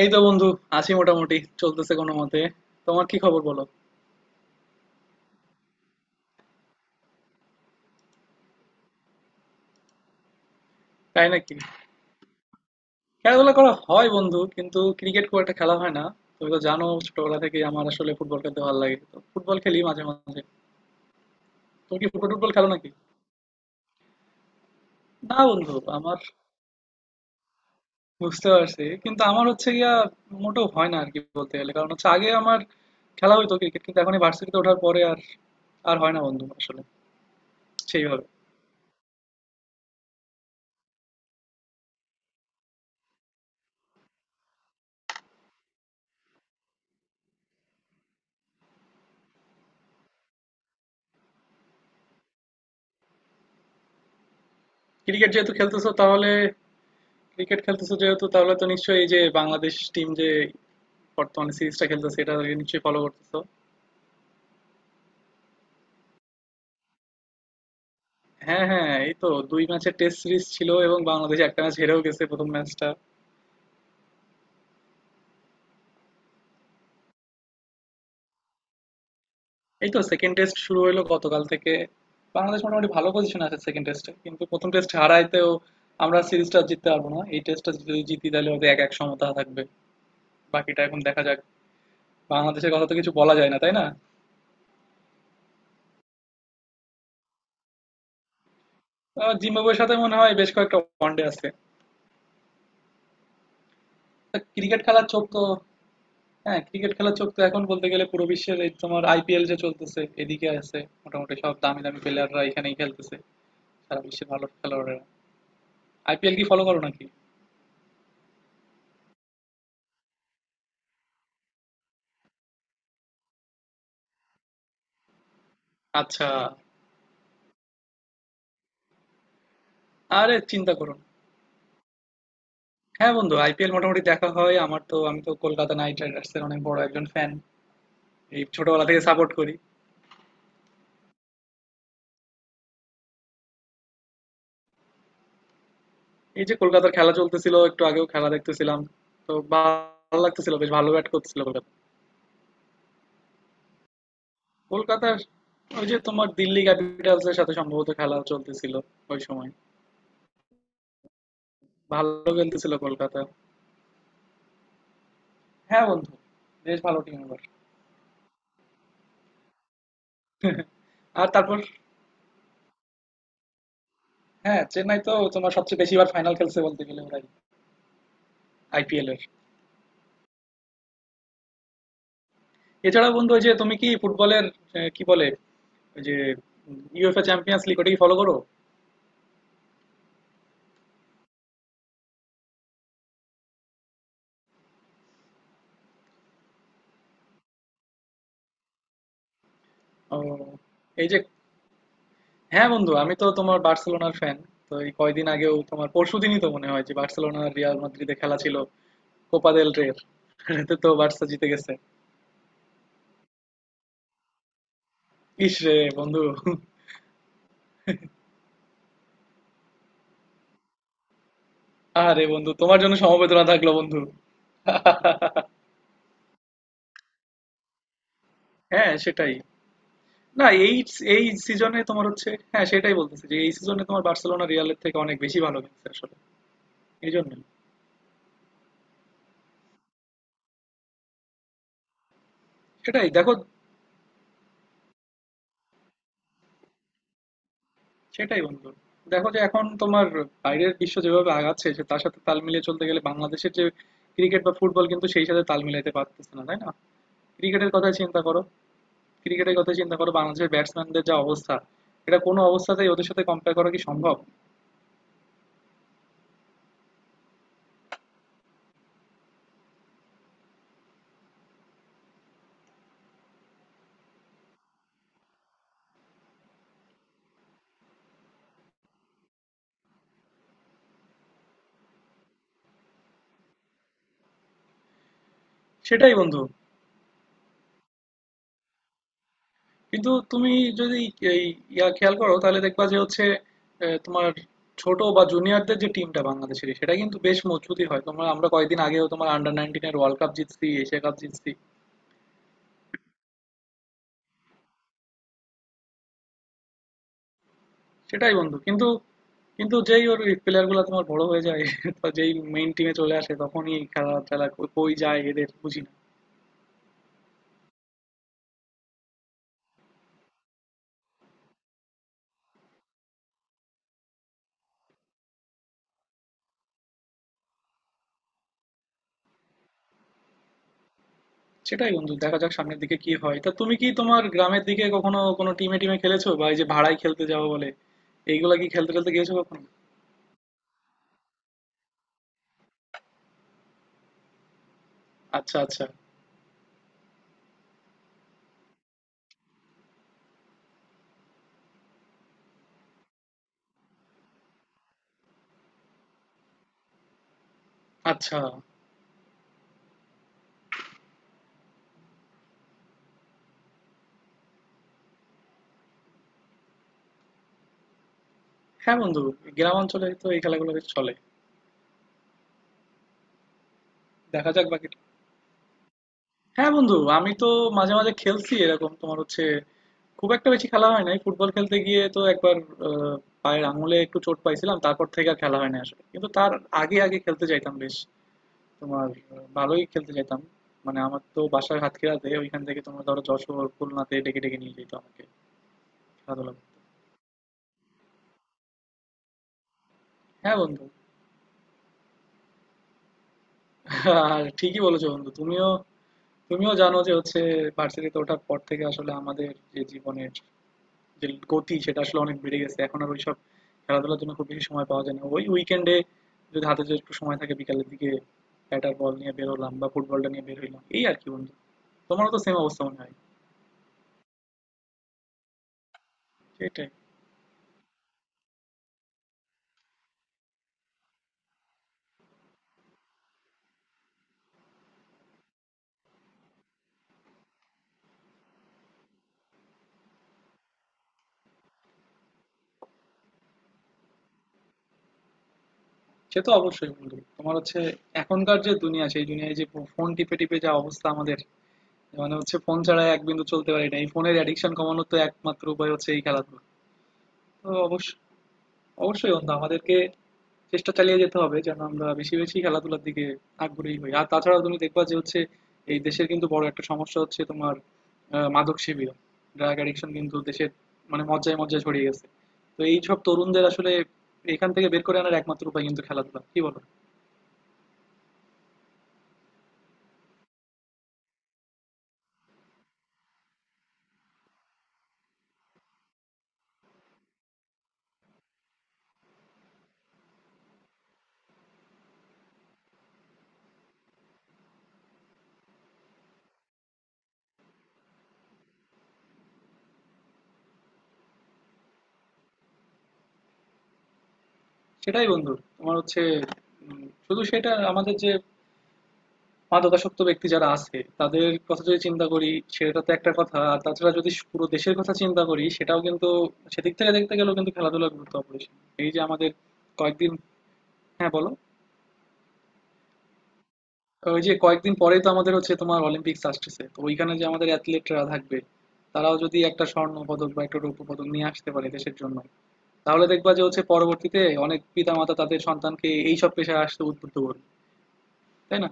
এই তো বন্ধু, আছি মোটামুটি, চলতেছে কোনো মতে। তোমার কি খবর বলো? তাই নাকি? খেলাধুলা করা হয় বন্ধু, কিন্তু ক্রিকেট খুব একটা খেলা হয় না। তুমি তো জানো, ছোটবেলা থেকে আমার আসলে ফুটবল খেলতে ভালো লাগে, তো ফুটবল খেলি মাঝে মাঝে। তুমি কি ফুটবল টুটবল খেলো নাকি? না বন্ধু, আমার বুঝতে পারছি, কিন্তু আমার হচ্ছে গিয়া মোটেও হয় না আর কি। বলতে গেলে কারণ হচ্ছে আগে আমার খেলা হইতো ক্রিকেট, কিন্তু এখন এই ভার্সিটিতে ওঠার পরে আর আর হয় না বন্ধু আসলে, সেইভাবে। ক্রিকেট যেহেতু খেলতেছো তাহলে ক্রিকেট খেলতেছো যেহেতু, তাহলে তো নিশ্চয়ই এই যে বাংলাদেশ টিম যে বর্তমানে সিরিজটা খেলতেছে এটা নিশ্চয়ই ফলো করতেছো। হ্যাঁ হ্যাঁ, এই তো দুই ম্যাচের টেস্ট সিরিজ ছিল, এবং বাংলাদেশ একটা ম্যাচ হেরেও গেছে, প্রথম ম্যাচটা। এই তো সেকেন্ড টেস্ট শুরু হলো গতকাল থেকে। বাংলাদেশ মোটামুটি ভালো পজিশন আছে সেকেন্ড টেস্টে, কিন্তু প্রথম টেস্ট হারাইতেও আমরা সিরিজটা জিততে পারবো না। এই টেস্টটা যদি জিতি তাহলে হয়তো 1-1 সমতা থাকবে। বাকিটা এখন দেখা যাক। বাংলাদেশের কথা তো কিছু বলা যায় না, তাই না? জিম্বাবুয়ের সাথে মনে হয় বেশ কয়েকটা ওয়ানডে আছে। ক্রিকেট খেলার চোখ তো, হ্যাঁ, ক্রিকেট খেলার চোখ তো এখন বলতে গেলে পুরো বিশ্বের। এই তোমার আইপিএল যে চলতেছে এদিকে আছে, মোটামুটি সব দামি দামি প্লেয়াররা এখানেই খেলতেছে, সারা বিশ্বের ভালো খেলোয়াড়েরা। আইপিএল কি ফলো করো নাকি? আচ্ছা, আরে চিন্তা করো না। হ্যাঁ বন্ধু, আইপিএল মোটামুটি দেখা হয় আমার। তো আমি তো কলকাতা নাইট রাইডার্স এর অনেক বড় একজন ফ্যান, এই ছোটবেলা থেকে সাপোর্ট করি। এই যে কলকাতার খেলা চলতেছিল, একটু আগেও খেলা দেখতেছিলাম, তো ভালো লাগতেছিল, বেশ ভালো ব্যাট করতেছিল কলকাতা। কলকাতার ওই যে তোমার দিল্লি ক্যাপিটালস এর সাথে সম্ভবত খেলা চলতেছিল ওই সময়। ভালো খেলতেছিল কলকাতা। হ্যাঁ বন্ধু, বেশ ভালো টিম এবার। আর তারপর, হ্যাঁ, চেন্নাই তো তোমার সবচেয়ে বেশি বার ফাইনাল খেলছে বলতে গেলে ওরাই, আইপিএল এর। এছাড়া বন্ধু, ওই যে তুমি কি ফুটবলের কি বলে, ওই যে ইউএফএ চ্যাম্পিয়ন্স লিগ, ওটা কি ফলো করো? ও, এই যে হ্যাঁ বন্ধু, আমি তো তোমার বার্সেলোনার ফ্যান। তো এই কয়দিন আগেও, তোমার পরশুদিনই তো মনে হয় যে বার্সেলোনা আর রিয়াল মাদ্রিদে খেলা ছিল, কোপা দেল রের। তো তো বার্সা জিতে গেছে। ইস রে বন্ধু, আরে বন্ধু, তোমার জন্য সমবেদনা থাকলো বন্ধু। হ্যাঁ সেটাই। না, এই এই সিজনে তোমার হচ্ছে, হ্যাঁ সেটাই বলতেছি, যে এই সিজনে তোমার বার্সেলোনা রিয়ালের থেকে অনেক বেশি ভালো খেলছে আসলে, এই জন্যই। সেটাই দেখো। সেটাই বন্ধু, দেখো যে এখন তোমার বাইরের বিশ্ব যেভাবে আগাচ্ছে, সে তার সাথে তাল মিলিয়ে চলতে গেলে বাংলাদেশের যে ক্রিকেট বা ফুটবল, কিন্তু সেই সাথে তাল মিলাইতে পারতেছে না, তাই না? ক্রিকেটের কথা চিন্তা করো, ক্রিকেটের কথা চিন্তা করো, বাংলাদেশের ব্যাটসম্যানদের যা অবস্থা, এটা কোনো অবস্থাতেই ওদের সাথে কম্পেয়ার করা কি সম্ভব? সেটাই বন্ধু, কিন্তু তুমি যদি এই ইয়া খেয়াল করো তাহলে দেখবা যে হচ্ছে, তোমার ছোট বা জুনিয়রদের যে টিমটা বাংলাদেশের সেটা কিন্তু বেশ মজবুতই হয়। তোমরা আমরা কয়েকদিন আগেও তোমার আন্ডার 19-এর ওয়ার্ল্ড কাপ জিতছি, এশিয়া কাপ জিতছি। সেটাই বন্ধু, কিন্তু, কিন্তু যেই ওর প্লেয়ার গুলা তোমার বড় হয়ে যায়, তো যেই মেইন টিমে চলে আসে তখনই খেলা টেলা কই কই যায় এদের বুঝি না। সেটাই বন্ধু, দেখা যাক সামনের দিকে কি হয়। তা তুমি কি তোমার গ্রামের দিকে কখনো কোনো টিমে টিমে খেলেছো, বা এই যে ভাড়ায় খেলতে যাও বলে এইগুলা কি খেলতে খেলতে গিয়েছো কখনো? আচ্ছা আচ্ছা আচ্ছা। হ্যাঁ বন্ধু, গ্রাম অঞ্চলে তো এই খেলাগুলো বেশ চলে। দেখা যাক বাকিটা। হ্যাঁ বন্ধু, আমি তো মাঝে মাঝে খেলছি এরকম। তোমার হচ্ছে খুব একটা বেশি খেলা হয় নাই। ফুটবল খেলতে গিয়ে তো একবার আহ, পায়ের আঙুলে একটু চোট পাইছিলাম, তারপর থেকে আর খেলা হয় না আসলে, কিন্তু তার আগে আগে খেলতে যাইতাম বেশ। তোমার ভালোই খেলতে যাইতাম, মানে আমার তো বাসার হাতখেরাতে ওইখান থেকে তোমার ধরো যশোর খুলনাতে ডেকে ডেকে নিয়ে যেত আমাকে খেলাধুলা করতে। হ্যাঁ বন্ধু, আর ঠিকই বলেছো বন্ধু, তুমিও তুমিও জানো যে হচ্ছে ভার্সিটিতে ওঠার পর থেকে আসলে আমাদের যে জীবনের যে গতি সেটা আসলে অনেক বেড়ে গেছে, এখন আর ওইসব খেলাধুলার জন্য খুব বেশি সময় পাওয়া যায় না। ওই উইকেন্ডে যদি হাতে যদি একটু সময় থাকে বিকালের দিকে, ব্যাটার বল নিয়ে বের হলাম বা ফুটবলটা নিয়ে বের হইলাম, এই আর কি বন্ধু। তোমারও তো সেম অবস্থা মনে হয়। সেটাই। সে তো অবশ্যই বন্ধু, তোমার হচ্ছে এখনকার যে দুনিয়া, সেই দুনিয়ায় যে ফোন টিপে টিপে যা অবস্থা আমাদের, মানে হচ্ছে ফোন ছাড়া এক বিন্দু চলতে পারি না। এই ফোনের অ্যাডিকশন কমানোর তো একমাত্র উপায় হচ্ছে এই খেলাধুলো। তো অবশ্যই, অবশ্যই বন্ধু, আমাদেরকে চেষ্টা চালিয়ে যেতে হবে যেন আমরা বেশি বেশি খেলাধুলার দিকে আগ্রহী হই। আর তাছাড়া তুমি দেখবা যে হচ্ছে এই দেশের কিন্তু বড় একটা সমস্যা হচ্ছে তোমার মাদক সেবীরা, ড্রাগ অ্যাডিকশন কিন্তু দেশের মানে মজ্জায় মজ্জায় ছড়িয়ে গেছে। তো এই সব তরুণদের আসলে এখান থেকে বের করে আনার একমাত্র উপায় কিন্তু খেলাধুলা, কি বলো? সেটাই বন্ধু, তোমার হচ্ছে শুধু সেটা আমাদের যে মাদকাসক্ত ব্যক্তি যারা আছে তাদের কথা যদি চিন্তা করি, সেটা তো একটা কথা। আর তাছাড়া যদি পুরো দেশের কথা চিন্তা করি, সেটাও কিন্তু সেদিক থেকে দেখতে গেলেও কিন্তু খেলাধুলার গুরুত্ব অপরিসীম। এই যে আমাদের কয়েকদিন, হ্যাঁ বলো। ওই যে কয়েকদিন পরেই তো আমাদের হচ্ছে তোমার অলিম্পিক্স আসতেছে, তো ওইখানে যে আমাদের অ্যাথলেটরা থাকবে, তারাও যদি একটা স্বর্ণ পদক বা একটা রৌপ্য পদক নিয়ে আসতে পারে দেশের জন্য, তাহলে দেখবা যে হচ্ছে পরবর্তীতে অনেক পিতামাতা তাদের সন্তানকে এই সব পেশায় আসতে উদ্বুদ্ধ করবে, তাই না?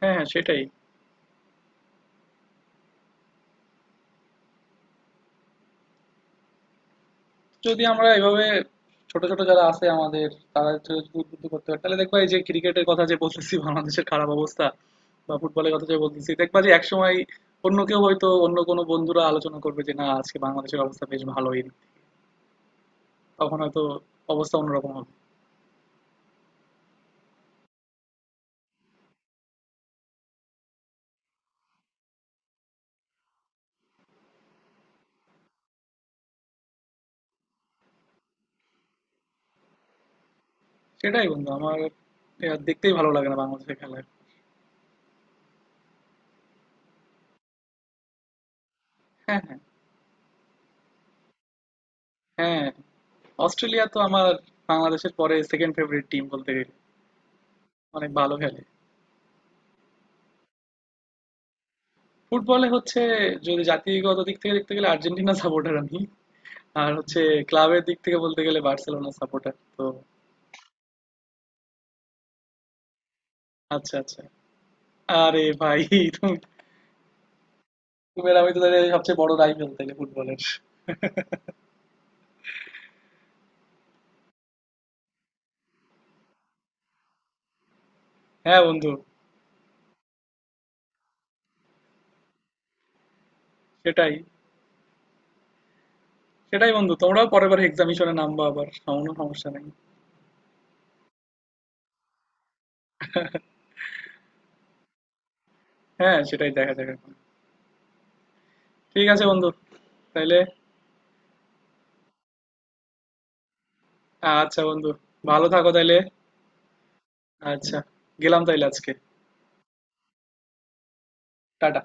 হ্যাঁ হ্যাঁ সেটাই। যদি আমরা এভাবে ছোট ছোট যারা আছে আমাদের, তারা একটু উদ্বুদ্ধ করতে পারে তাহলে দেখবা, এই যে ক্রিকেটের কথা যে বলতেছি বাংলাদেশের খারাপ অবস্থা, বা ফুটবলের কথা যে বলতেছি, দেখবা যে একসময় অন্য কেউ হয়তো, অন্য কোনো বন্ধুরা আলোচনা করবে যে না, আজকে বাংলাদেশের অবস্থা বেশ ভালোই। তখন হয়তো অবস্থা অন্যরকম হবে। সেটাই বন্ধু, আমার এ আর দেখতেই ভালো লাগে না বাংলাদেশের খেলা। হ্যাঁ হ্যাঁ হ্যাঁ। অস্ট্রেলিয়া তো আমার বাংলাদেশের পরে সেকেন্ড ফেভারিট টিম বলতে গেলে, অনেক ভালো খেলে। ফুটবলে হচ্ছে, যদি জাতিগত দিক থেকে দেখতে গেলে আর্জেন্টিনা সাপোর্টার আমি, আর হচ্ছে ক্লাবের দিক থেকে বলতে গেলে বার্সেলোনা সাপোর্টার তো। আচ্ছা আচ্ছা। আরে ভাই, তুমি, তুমি আর আমি তো তাহলে সবচেয়ে বড় রাইভেল তাহলে ফুটবলের। হ্যাঁ বন্ধু, সেটাই। সেটাই বন্ধু, তোমরাও পরের বার এক্সামিশনে নামবা আবার, কোনো সমস্যা নেই। হ্যাঁ সেটাই, দেখা যাক এখন। ঠিক আছে বন্ধু, তাইলে। আচ্ছা বন্ধু, ভালো থাকো তাইলে। আচ্ছা, গেলাম তাইলে আজকে। টাটা।